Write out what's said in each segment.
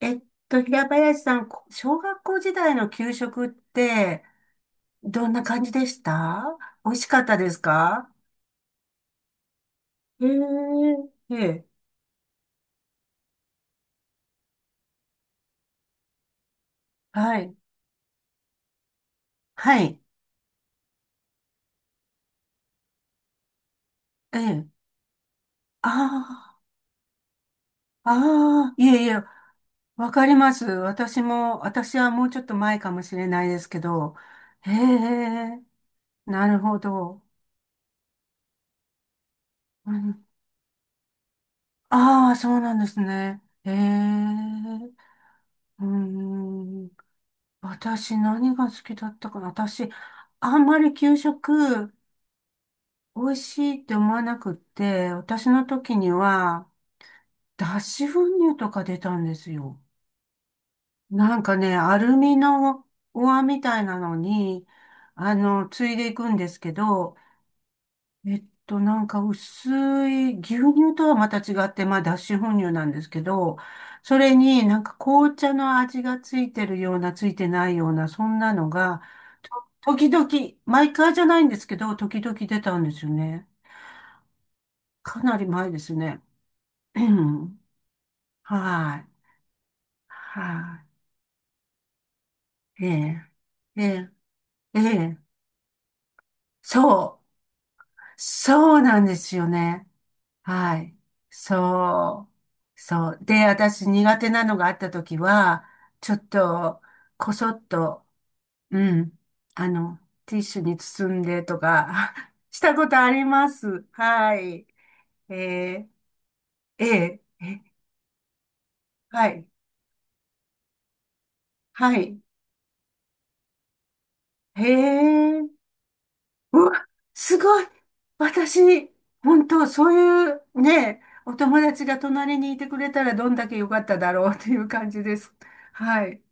えっ平林さん、小学校時代の給食って、どんな感じでした？美味しかったですか？ええ、ええ、はい、はい、ええ、ああ、ああ、いえいえ、わかります。私はもうちょっと前かもしれないですけど、へえ、なるほど。うん、ああ、そうなんですね。へえ、うん。私何が好きだったかな。私、あんまり給食美味しいって思わなくって、私の時には脱脂粉乳とか出たんですよ。なんかね、アルミのお椀みたいなのに、ついでいくんですけど、なんか薄い牛乳とはまた違って、まあ脱脂粉乳なんですけど、それになんか紅茶の味がついてるような、ついてないような、そんなのが、時々、毎回じゃないんですけど、時々出たんですよね。かなり前ですね。うん、はい。はい。ええ。ええ。ええ。そう。そうなんですよね。はい。そう。そう。で、私苦手なのがあった時は、ちょっと、こそっと、うん。あの、ティッシュに包んでとか、したことあります。はい。ええ。ええ。ええ、はい。はい。へえ。うわ、すごい。私、本当、そういうね、お友達が隣にいてくれたらどんだけ良かっただろうという感じです。はい。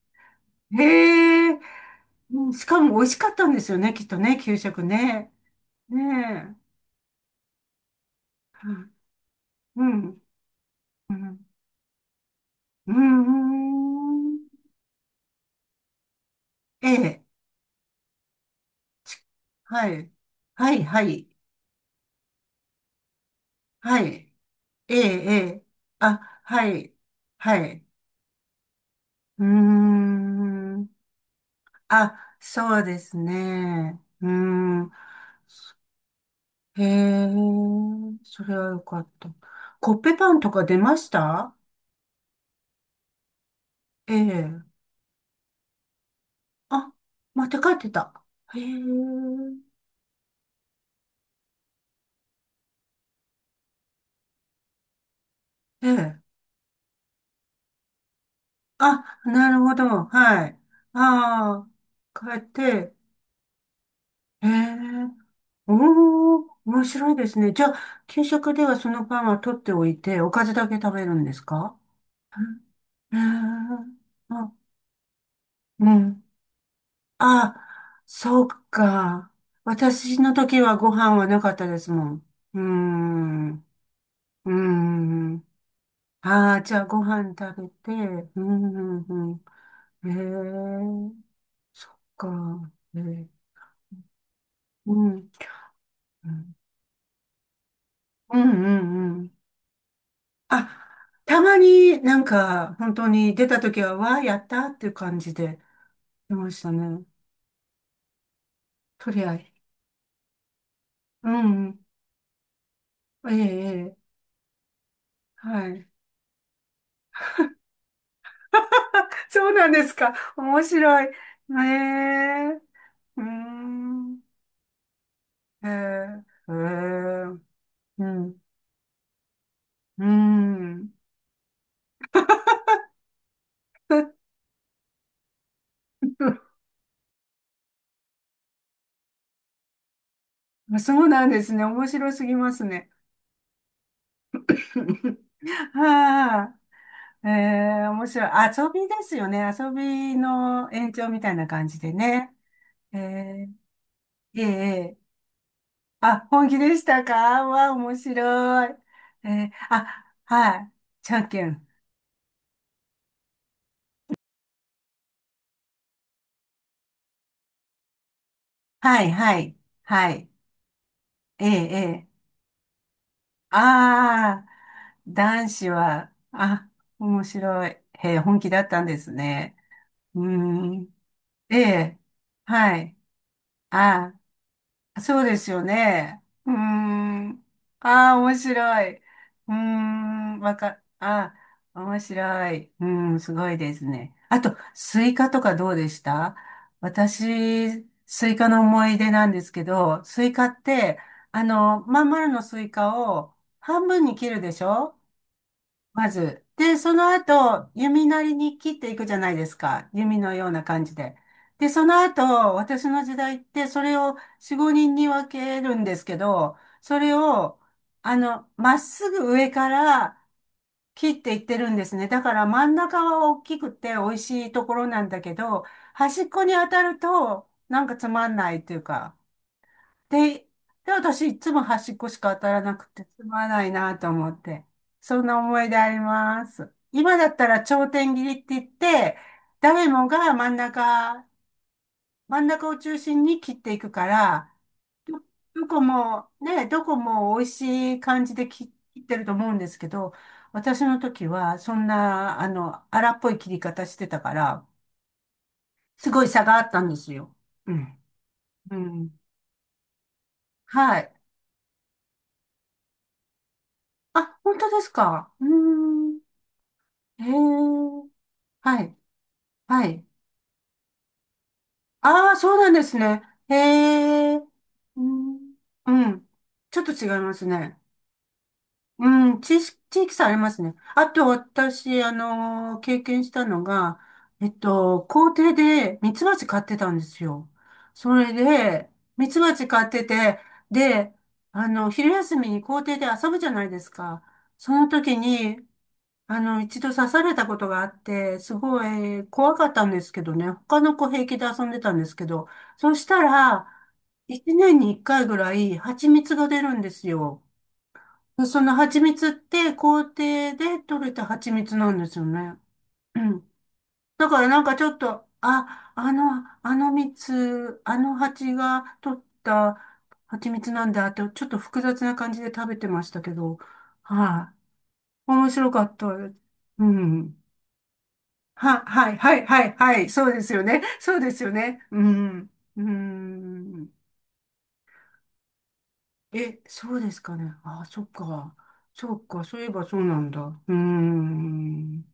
へえ。うん。しかも美味しかったんですよね、きっとね、給食ね。ねえ。はい、うん。うん。うん。ええ。はい。はい、はい。はい。ええ、ええ。あ、はい。はい。うーん。あ、そうですね。うん。へえ、それはよかった。コッペパンとか出ました？ええ。あ、持って帰ってた。へえ、ええ。あ、なるほど。はい。ああ、帰って。へえ、おお、面白いですね。じゃあ、給食ではそのパンは取っておいて、おかずだけ食べるんですか？うん。へえ、あ、うん。あ、そうか。私の時はご飯はなかったですもん。うーん。うーん。ああ、じゃあご飯食べて。うーん。うんうん、へえ、そっか。ええ、うんうんうんうんうん。あ、たまになんか、本当に出た時は、わあ、やったっていう感じで出ましたね。とりあえず。うんうん。ええ、ええ。はい。あ、そうなんですか？面白い。ええ、うーん。ええええ、うん。うん。そうなんですね。面白すぎますね。はあ。ええ、面白い。遊びですよね。遊びの延長みたいな感じでね。ええええええ、あ、本気でしたか？わあ、面白い。ええ、あ、はい。じゃんけん。はい、はい、はい。ええええ、ああ、男子は、あ、面白い。へえ、本気だったんですね。うーん。ええ、はい。ああ、そうですよね。うーん。ああ、面白い。うーん、ああ、面白い。うーん、すごいですね。あと、スイカとかどうでした？私、スイカの思い出なんですけど、スイカって、まん丸のスイカを半分に切るでしょ？まず。で、その後、弓なりに切っていくじゃないですか。弓のような感じで。で、その後、私の時代って、それを4、5人に分けるんですけど、それを、まっすぐ上から切っていってるんですね。だから真ん中は大きくて美味しいところなんだけど、端っこに当たると、なんかつまんないっていうか、で、で、私いつも端っこしか当たらなくてつまらないなと思って。そんな思い出あります。今だったら頂点切りって言って、誰もが真ん中を中心に切っていくから、ど、どこも、ね、どこも美味しい感じで切ってると思うんですけど、私の時はそんな、荒っぽい切り方してたから、すごい差があったんですよ。うん。うん。はい。あ、本当ですか？うーん。へえ、はい、はい。ああ、そうなんですね。へえ、うん、うん。ちょっと違いますね。うん、地域差ありますね。あと私、経験したのが、校庭でミツバチ飼ってたんですよ。それで、ミツバチ飼ってて、で、昼休みに校庭で遊ぶじゃないですか。その時に、一度刺されたことがあって、すごい怖かったんですけどね、他の子平気で遊んでたんですけど、そしたら、一年に一回ぐらい蜂蜜が出るんですよ。でその蜂蜜って校庭で採れた蜂蜜なんですよね。うん。だからなんかちょっと、あの蜜、あの蜂が取った蜂蜜なんだって、ちょっと複雑な感じで食べてましたけど、はい、面白かったです。うん。はい、はい、はい、はい、そうですよね。そうですよね。うん。うん。え、そうですかね。あ、そっか。そっか、そういえばそうなんだ。うん。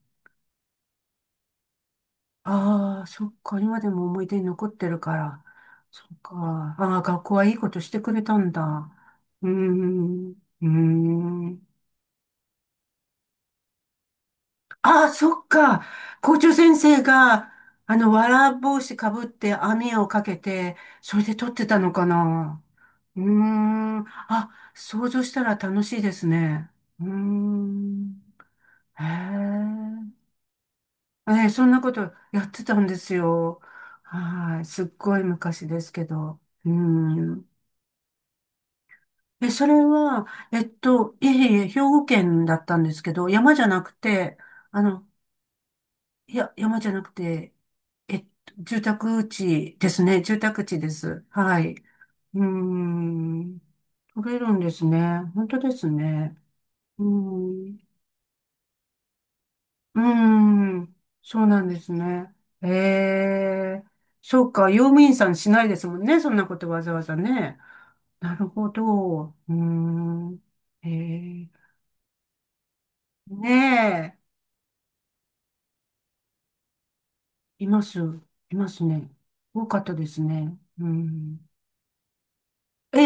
ああ、そっか。今でも思い出に残ってるから。そっか。ああ、学校はいいことしてくれたんだ。うん。うん。ああ、そっか。校長先生が、わら帽子かぶって網をかけて、それで撮ってたのかな。うーん。あ、想像したら楽しいですね。うーん。へえ。ええ、そんなことやってたんですよ。はい。すっごい昔ですけど。うーん。え、それは、いえいえ、兵庫県だったんですけど、山じゃなくて、あの、いや、山じゃなくて、住宅地ですね。住宅地です。はい。うーん。取れるんですね。本当ですね。うーん。うーん。そうなんですね。ええ。そうか。用務員さんしないですもんね。そんなことわざわざね。なるほど。うーん。ええ。ねえ。います。いますね。多かったですね。うん。ええ、え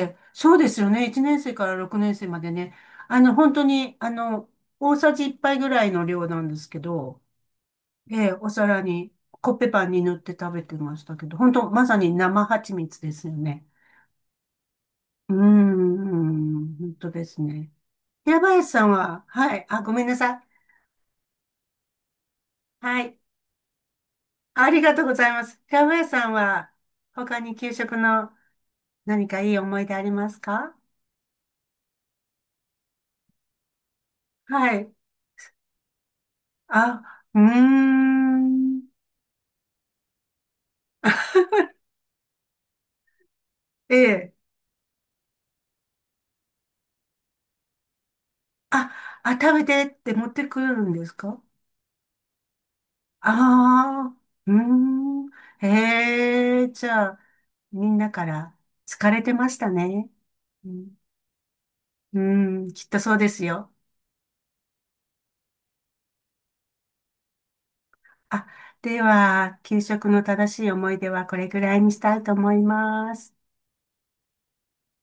え、ええ、そうですよね。1年生から6年生までね。本当に、大さじ1杯ぐらいの量なんですけど、ええ、お皿に、コッペパンに塗って食べてましたけど、本当、まさに生蜂蜜ですよね。うーん、本当ですね。平林さんは、はい、あ、ごめんなさい。はい、ありがとうございます。平林さんは、他に給食の何かいい思い出ありますか？はい。あ、うーん。ええ、あ、食べてって持ってくるんですか？ああー、うーん。へえ、じゃあ、みんなから疲れてましたね。うん、うーん、きっとそうですよ。あ、では、給食の正しい思い出はこれぐらいにしたいと思います。